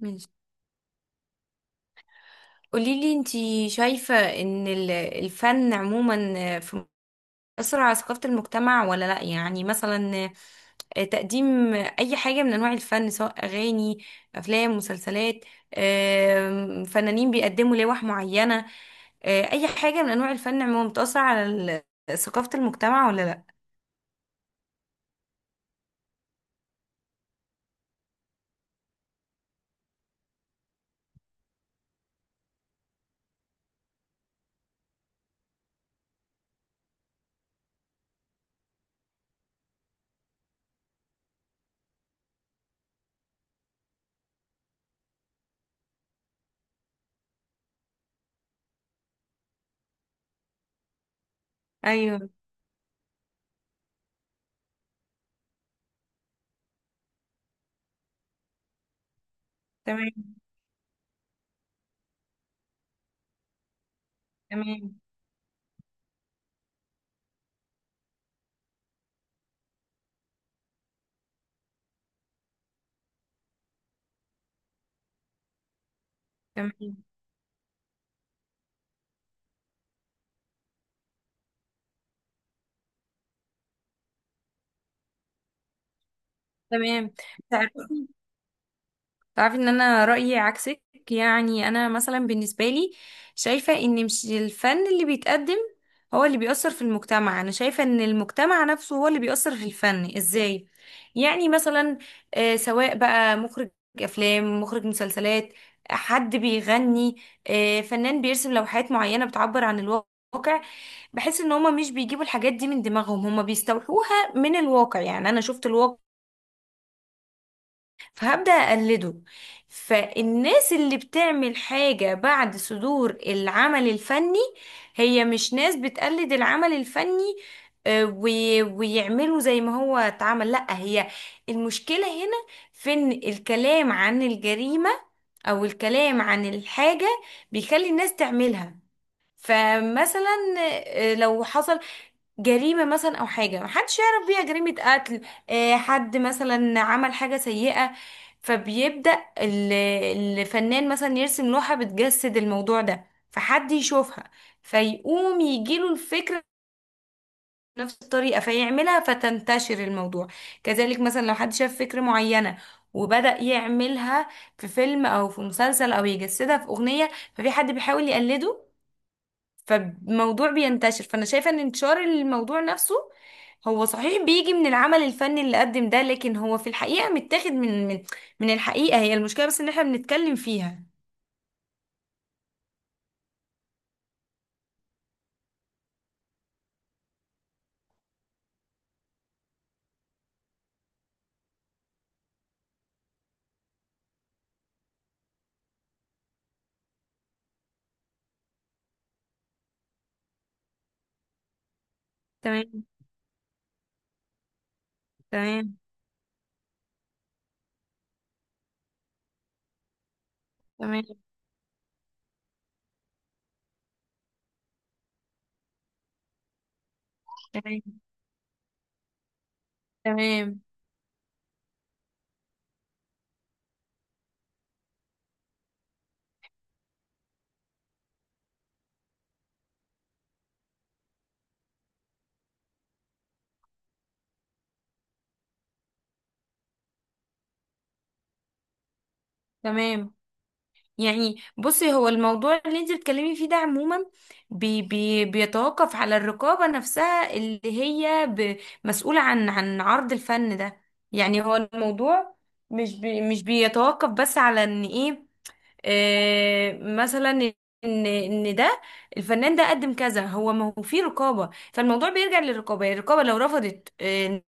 ماشي. قوليلي انتي شايفة ان الفن عموما في مصر على ثقافة المجتمع ولا لا؟ يعني مثلا تقديم اي حاجة من انواع الفن سواء اغاني افلام مسلسلات، فنانين بيقدموا لوح معينة، اي حاجة من انواع الفن عموما بتأثر على ثقافة المجتمع ولا لا؟ ايوه. تمام. تمام. تمام. تمام. تعرفي ان انا رأيي عكسك. يعني انا مثلا بالنسبة لي شايفة ان مش الفن اللي بيتقدم هو اللي بيأثر في المجتمع، انا شايفة ان المجتمع نفسه هو اللي بيأثر في الفن. ازاي؟ يعني مثلا، سواء بقى مخرج افلام، مخرج مسلسلات، حد بيغني، فنان بيرسم لوحات معينة بتعبر عن الواقع، بحس ان هما مش بيجيبوا الحاجات دي من دماغهم، هما بيستوحوها من الواقع. يعني انا شفت الواقع فهبدأ أقلده. فالناس اللي بتعمل حاجة بعد صدور العمل الفني هي مش ناس بتقلد العمل الفني ويعملوا زي ما هو اتعمل، لأ. هي المشكلة هنا في إن الكلام عن الجريمة أو الكلام عن الحاجة بيخلي الناس تعملها. فمثلا، لو حصل جريمة مثلا أو حاجة محدش يعرف بيها، جريمة قتل، حد مثلا عمل حاجة سيئة، فبيبدأ الفنان مثلا يرسم لوحة بتجسد الموضوع ده، فحد يشوفها فيقوم يجيله الفكرة بنفس الطريقة فيعملها فتنتشر الموضوع. كذلك مثلا لو حد شاف فكرة معينة وبدأ يعملها في فيلم أو في مسلسل أو يجسدها في أغنية، ففي حد بيحاول يقلده فالموضوع بينتشر. فانا شايفة ان انتشار الموضوع نفسه هو صحيح بيجي من العمل الفني اللي قدم ده، لكن هو في الحقيقة متاخد من الحقيقة. هي المشكلة بس ان احنا بنتكلم فيها. تمام. تمام. تمام. تمام. تمام. تمام. يعني بصي، هو الموضوع اللي انت بتتكلمي فيه ده عموما بي بي بيتوقف على الرقابة نفسها اللي هي مسؤولة عن عرض الفن ده. يعني هو الموضوع مش بيتوقف بس على ان ايه، مثلا ان ده الفنان ده قدم كذا، هو ما هو في رقابه، فالموضوع بيرجع للرقابه. يعني الرقابه لو رفضت،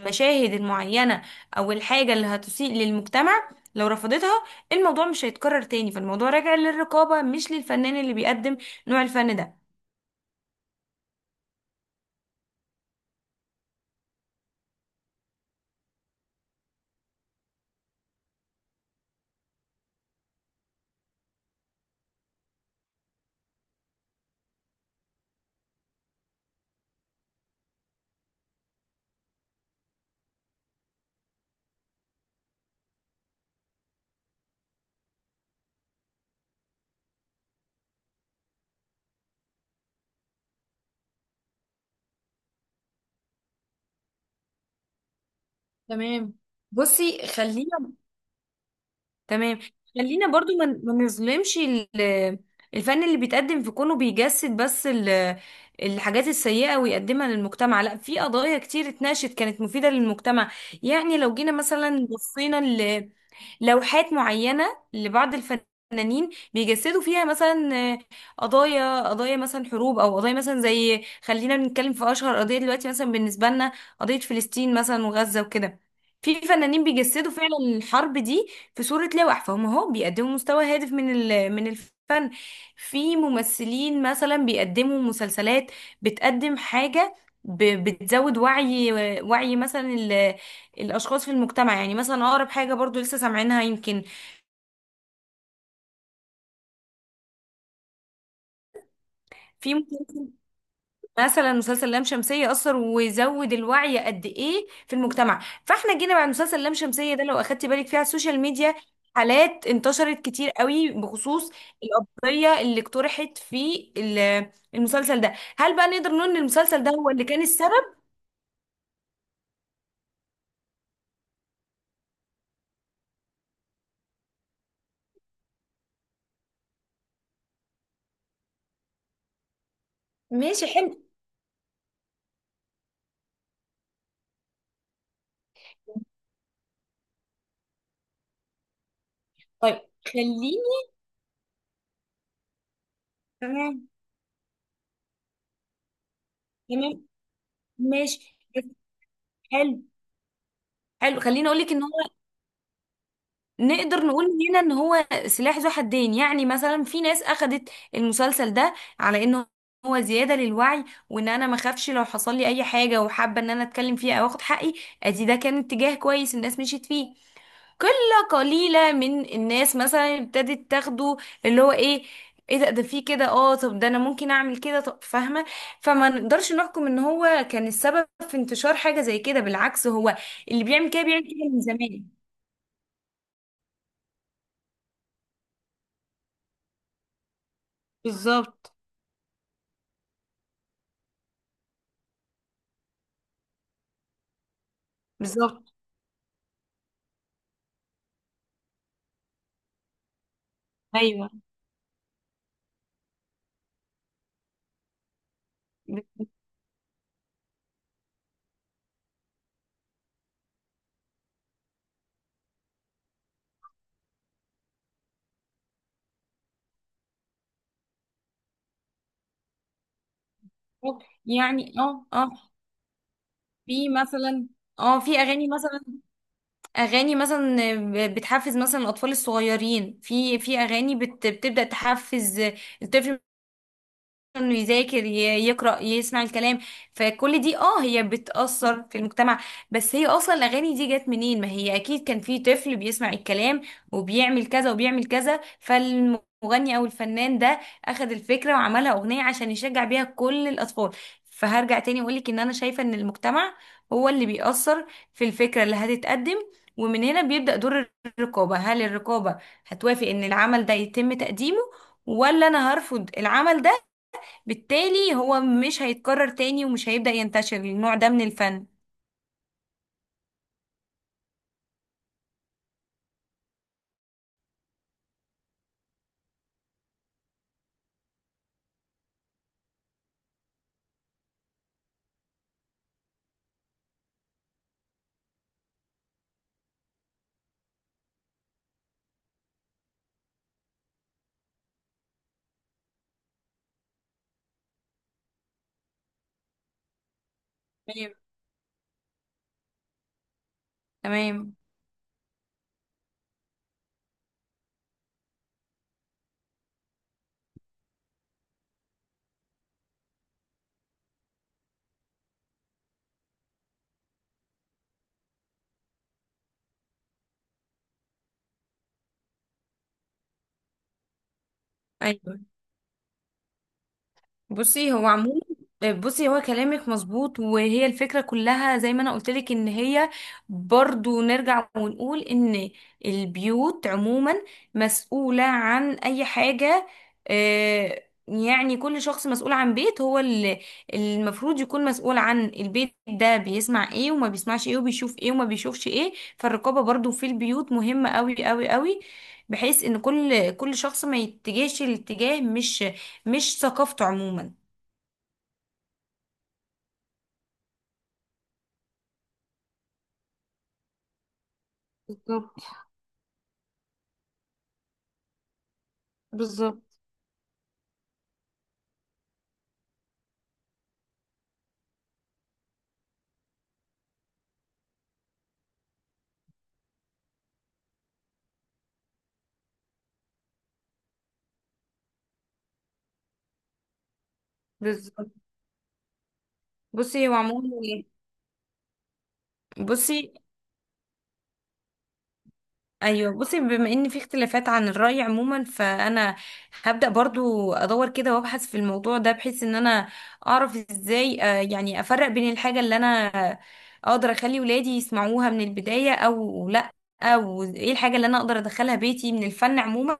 المشاهد المعينه او الحاجه اللي هتسيء للمجتمع، لو رفضتها الموضوع مش هيتكرر تاني. فالموضوع راجع للرقابه مش للفنان اللي بيقدم نوع الفن ده. تمام. بصي خلينا، تمام، خلينا برضو ما نظلمش الفن اللي بيتقدم في كونه بيجسد بس الحاجات السيئة ويقدمها للمجتمع. لا، في قضايا كتير اتناقشت كانت مفيدة للمجتمع. يعني لو جينا مثلا بصينا لوحات معينة لبعض الفنانين بيجسدوا فيها مثلا، قضايا، مثلا حروب او قضايا مثلا زي، خلينا بنتكلم في اشهر قضية دلوقتي مثلا بالنسبة لنا قضية فلسطين مثلا وغزة وكده، في فنانين بيجسدوا فعلا الحرب دي في صورة لوح، فهم اهو بيقدموا مستوى هادف من من الفن. في ممثلين مثلا بيقدموا مسلسلات بتقدم حاجة، بتزود وعي، وعي مثلا الاشخاص في المجتمع. يعني مثلا اقرب حاجه برضو لسه سامعينها يمكن، في ممكن مثلا، مسلسل لام شمسيه اثر ويزود الوعي قد ايه في المجتمع. فاحنا جينا بعد مسلسل لام شمسيه ده لو اخدتي بالك فيه على السوشيال ميديا، حالات انتشرت كتير قوي بخصوص القضيه اللي اقترحت في المسلسل ده. هل بقى نقدر نقول ان المسلسل ده هو اللي كان السبب؟ ماشي. حلو. طيب خليني، تمام، تمام، ماشي، حلو، حلو، خليني اقول لك ان هو، نقدر نقول هنا ان هو سلاح ذو حدين. يعني مثلا في ناس اخدت المسلسل ده على انه هو زيادة للوعي، وان انا ما اخافش لو حصل لي اي حاجة وحابة ان انا اتكلم فيها او اخد حقي. ادي ده كان اتجاه كويس الناس مشيت فيه. قلة قليلة من الناس مثلا ابتدت تاخده اللي هو ايه، ايه ده، ده فيه كده، اه طب ده انا ممكن اعمل كده، طب فاهمة. فما نقدرش نحكم ان هو كان السبب في انتشار حاجة زي كده، بالعكس، هو اللي بيعمل كده بيعمل كده من زمان. بالظبط. بالظبط. ايوه. بت- بتروح يعني، اه اه، في مثلا، اه في اغاني مثلا، اغاني مثلا بتحفز مثلا الاطفال الصغيرين، في اغاني بتبدا تحفز الطفل انه يذاكر، يقرأ، يسمع الكلام. فكل دي اه هي بتأثر في المجتمع. بس هي اصلا الاغاني دي جت منين؟ ما هي اكيد كان في طفل بيسمع الكلام وبيعمل كذا وبيعمل كذا، فالمغني او الفنان ده اخذ الفكرة وعملها اغنية عشان يشجع بيها كل الاطفال. فهرجع تاني واقولك ان انا شايفة ان المجتمع هو اللي بيأثر في الفكرة اللي هتتقدم. ومن هنا بيبدأ دور الرقابة. هل الرقابة هتوافق ان العمل ده يتم تقديمه، ولا انا هرفض العمل ده؟ بالتالي هو مش هيتكرر تاني ومش هيبدأ ينتشر النوع ده من الفن. تمام. تمام. ايوه بصي هو عموما، بصي هو كلامك مظبوط، وهي الفكرة كلها زي ما انا قلت لك ان هي، برضو نرجع ونقول ان البيوت عموما مسؤولة عن اي حاجة. يعني كل شخص مسؤول عن بيت، هو اللي المفروض يكون مسؤول عن البيت ده بيسمع ايه وما بيسمعش ايه وبيشوف ايه وما بيشوفش ايه. فالرقابة برضو في البيوت مهمة قوي قوي قوي، بحيث ان كل شخص ما يتجهش الاتجاه مش، مش ثقافته عموما. بالظبط. بالظبط. بالظبط. بصي هو عموما، بصي ايوه، بصي بما ان في اختلافات عن الرأي عموما، فانا هبدأ برضو ادور كده وابحث في الموضوع ده بحيث ان انا اعرف ازاي، يعني افرق بين الحاجة اللي انا اقدر اخلي ولادي يسمعوها من البداية او لا، او ايه الحاجة اللي انا اقدر ادخلها بيتي من الفن عموما.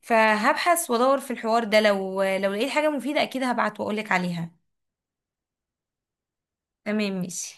فهبحث وادور في الحوار ده، لو لقيت حاجة مفيدة اكيد هبعت واقولك عليها. تمام، ماشي.